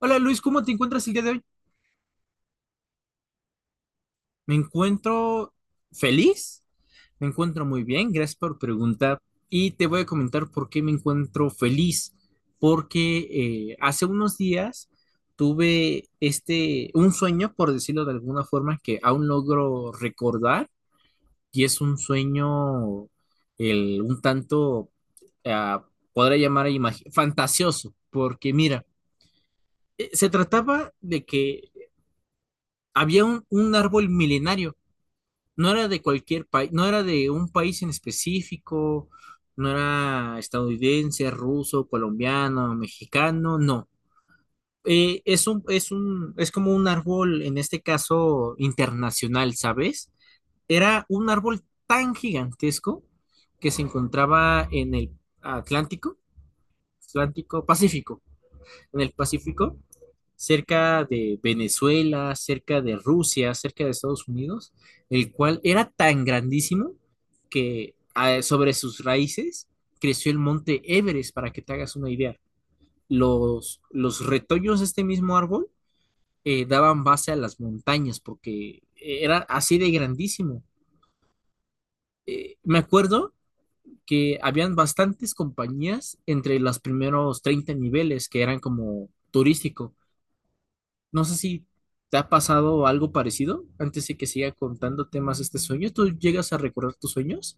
Hola Luis, ¿cómo te encuentras el día de hoy? Me encuentro feliz, me encuentro muy bien, gracias por preguntar y te voy a comentar por qué me encuentro feliz, porque hace unos días tuve un sueño, por decirlo de alguna forma, que aún logro recordar y es un sueño un tanto, ah, podría llamar fantasioso. Porque mira, se trataba de que había un árbol milenario. No era de cualquier país, no era de un país en específico, no era estadounidense, ruso, colombiano, mexicano, no. Es como un árbol, en este caso, internacional, ¿sabes? Era un árbol tan gigantesco que se encontraba en el Atlántico, Pacífico, en el Pacífico, cerca de Venezuela, cerca de Rusia, cerca de Estados Unidos, el cual era tan grandísimo que sobre sus raíces creció el monte Everest, para que te hagas una idea. Los retoños de este mismo árbol daban base a las montañas porque era así de grandísimo. Me acuerdo que habían bastantes compañías entre los primeros 30 niveles, que eran como turístico. No sé si te ha pasado algo parecido antes de que siga contándote más este sueño. ¿Tú llegas a recordar tus sueños?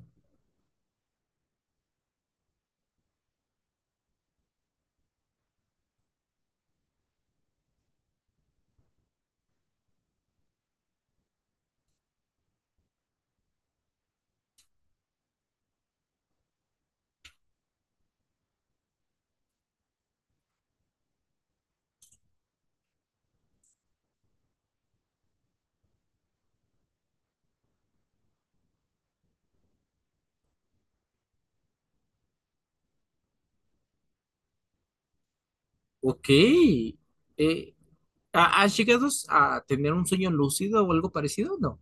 Ok. ¿Has llegado a tener un sueño lúcido o algo parecido? No.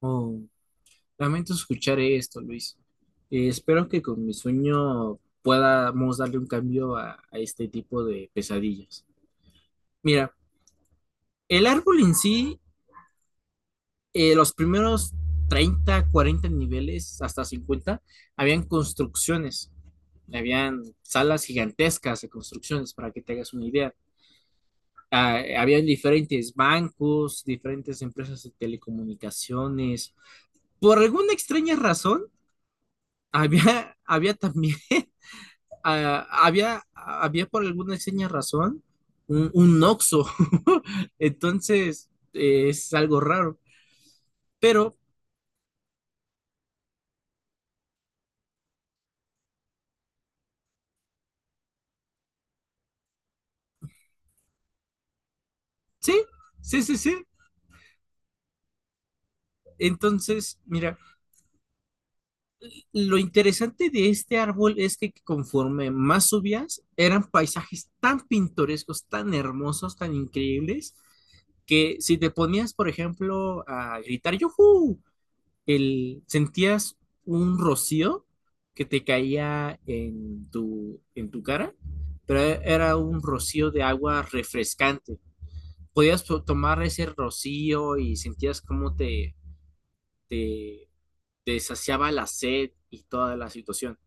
Oh, lamento escuchar esto, Luis. Espero que con mi sueño podamos darle un cambio a este tipo de pesadillas. Mira, el árbol en sí, los primeros 30, 40 niveles, hasta 50, habían construcciones, habían salas gigantescas de construcciones, para que te hagas una idea. Habían diferentes bancos, diferentes empresas de telecomunicaciones. Por alguna extraña razón, había también, había por alguna extraña razón un Oxxo. Entonces, es algo raro. Pero sí, sí, sí, sí. Entonces mira, lo interesante de este árbol es que conforme más subías, eran paisajes tan pintorescos, tan hermosos, tan increíbles, que si te ponías, por ejemplo, a gritar ¡Yujú!, sentías un rocío que te caía en en tu cara, pero era un rocío de agua refrescante. Podías tomar ese rocío y sentías cómo te te saciaba la sed y toda la situación.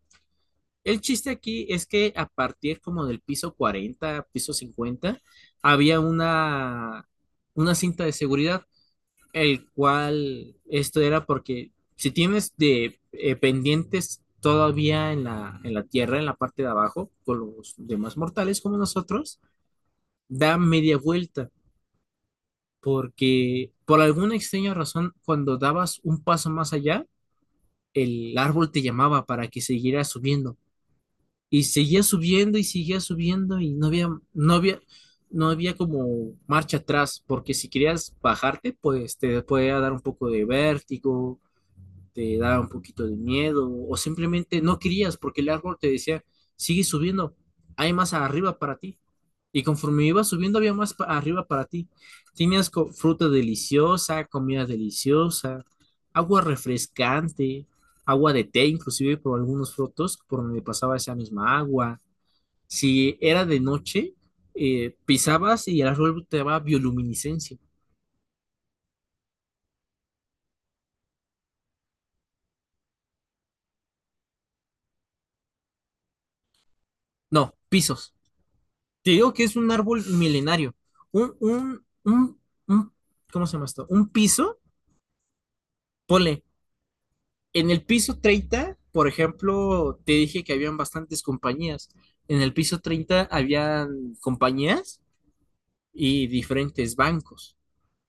El chiste aquí es que a partir como del piso 40, piso 50, había una cinta de seguridad, el cual esto era porque si tienes de pendientes todavía en en la tierra, en la parte de abajo, con los demás mortales como nosotros, da media vuelta, porque por alguna extraña razón, cuando dabas un paso más allá, el árbol te llamaba para que siguieras subiendo. Y seguía subiendo y seguía subiendo y no había como marcha atrás, porque si querías bajarte, pues te podía dar un poco de vértigo, te da un poquito de miedo, o simplemente no querías porque el árbol te decía, sigue subiendo, hay más arriba para ti. Y conforme ibas subiendo había más arriba para ti. Tenías fruta deliciosa, comida deliciosa, agua refrescante, agua de té inclusive por algunos frutos por donde pasaba esa misma agua. Si era de noche, pisabas y el árbol te daba bioluminiscencia. No, pisos. Te digo que es un árbol milenario. Un, un, un, un- ¿Cómo se llama esto? Un piso, ponle, en el piso 30, por ejemplo, te dije que habían bastantes compañías. En el piso 30 habían compañías y diferentes bancos.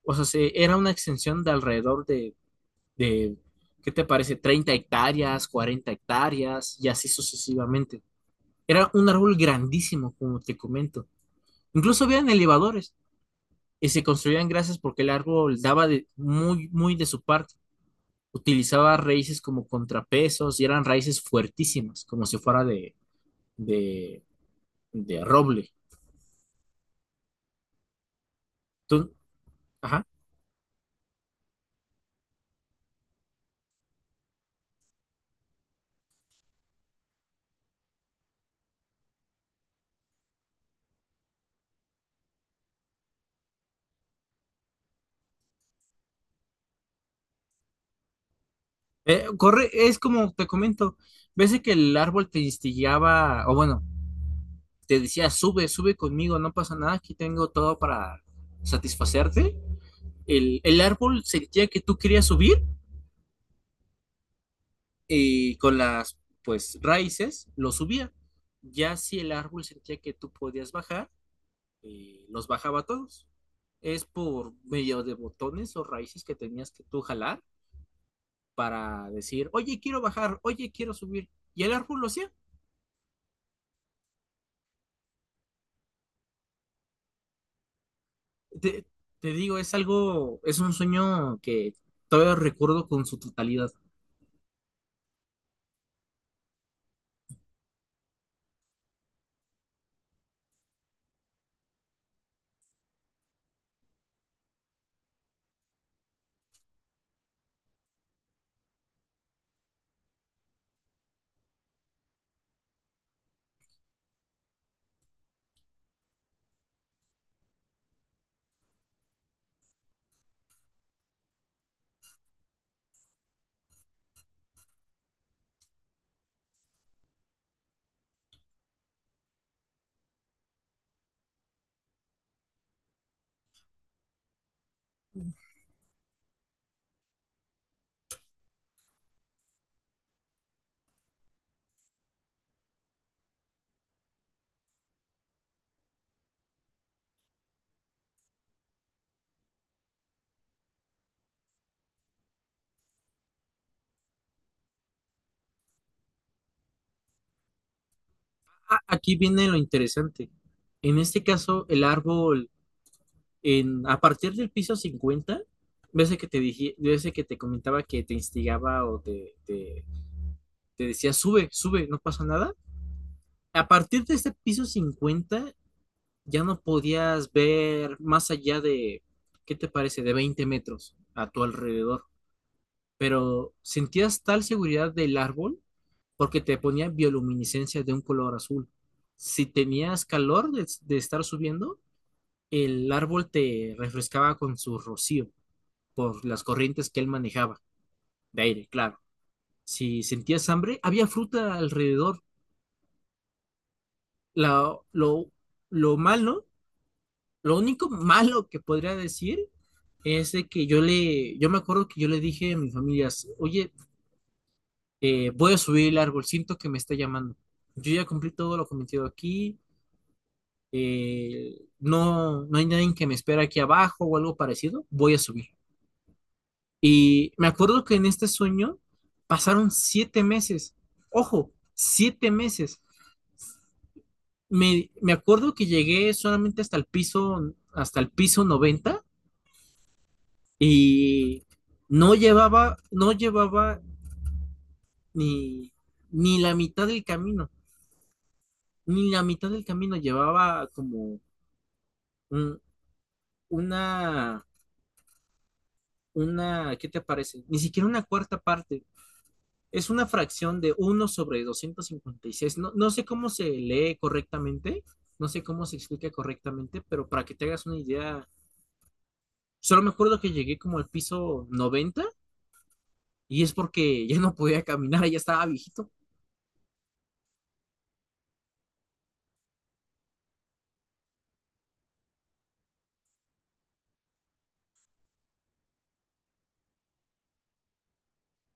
O sea, era una extensión de alrededor de, ¿qué te parece?, 30 hectáreas, 40 hectáreas y así sucesivamente. Era un árbol grandísimo, como te comento. Incluso habían elevadores, y se construían gracias porque el árbol daba de, muy, muy de su parte. Utilizaba raíces como contrapesos y eran raíces fuertísimas, como si fuera de, de roble. Tú- ajá. Corre, es como te comento, ves de que el árbol te instigaba, o bueno, te decía, sube, sube conmigo, no pasa nada, aquí tengo todo para satisfacerte. El árbol sentía que tú querías subir y con las pues raíces los subía. Ya si el árbol sentía que tú podías bajar, los bajaba todos. Es por medio de botones o raíces que tenías que tú jalar para decir, oye, quiero bajar, oye, quiero subir. Y el árbol lo hacía. Te, te digo, es algo, es un sueño que todavía recuerdo con su totalidad. Ah, aquí viene lo interesante. En este caso, el árbol a partir del piso 50, ves que te dije, ves que te comentaba que te instigaba o te decía, sube, sube, no pasa nada. A partir de este piso 50 ya no podías ver más allá de, ¿qué te parece?, de 20 metros a tu alrededor. Pero sentías tal seguridad del árbol porque te ponía bioluminiscencia de un color azul. Si tenías calor de estar subiendo, el árbol te refrescaba con su rocío, por las corrientes que él manejaba, de aire, claro. Si sentías hambre, había fruta alrededor. La, lo, lo malo, lo único malo que podría decir es de que yo me acuerdo que yo le dije a mi familia: oye, voy a subir el árbol, siento que me está llamando. Yo ya cumplí todo lo cometido aquí, no hay nadie que me espera aquí abajo o algo parecido, voy a subir. Y me acuerdo que en este sueño pasaron 7 meses. Ojo, 7 meses. Me acuerdo que llegué solamente hasta el piso, hasta el piso 90, y no llevaba ni, ni la mitad del camino, ni la mitad del camino llevaba como un- una, una, ¿qué te parece? Ni siquiera una cuarta parte. Es una fracción de uno sobre 256. No, no sé cómo se lee correctamente, no sé cómo se explica correctamente, pero para que te hagas una idea, solo me acuerdo que llegué como al piso 90, y es porque ya no podía caminar, ya estaba viejito.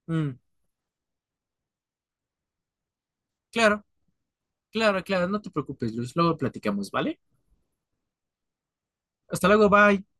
Mm, claro, claro, claro, no te preocupes, Luis, luego platicamos, ¿vale? Hasta luego, bye.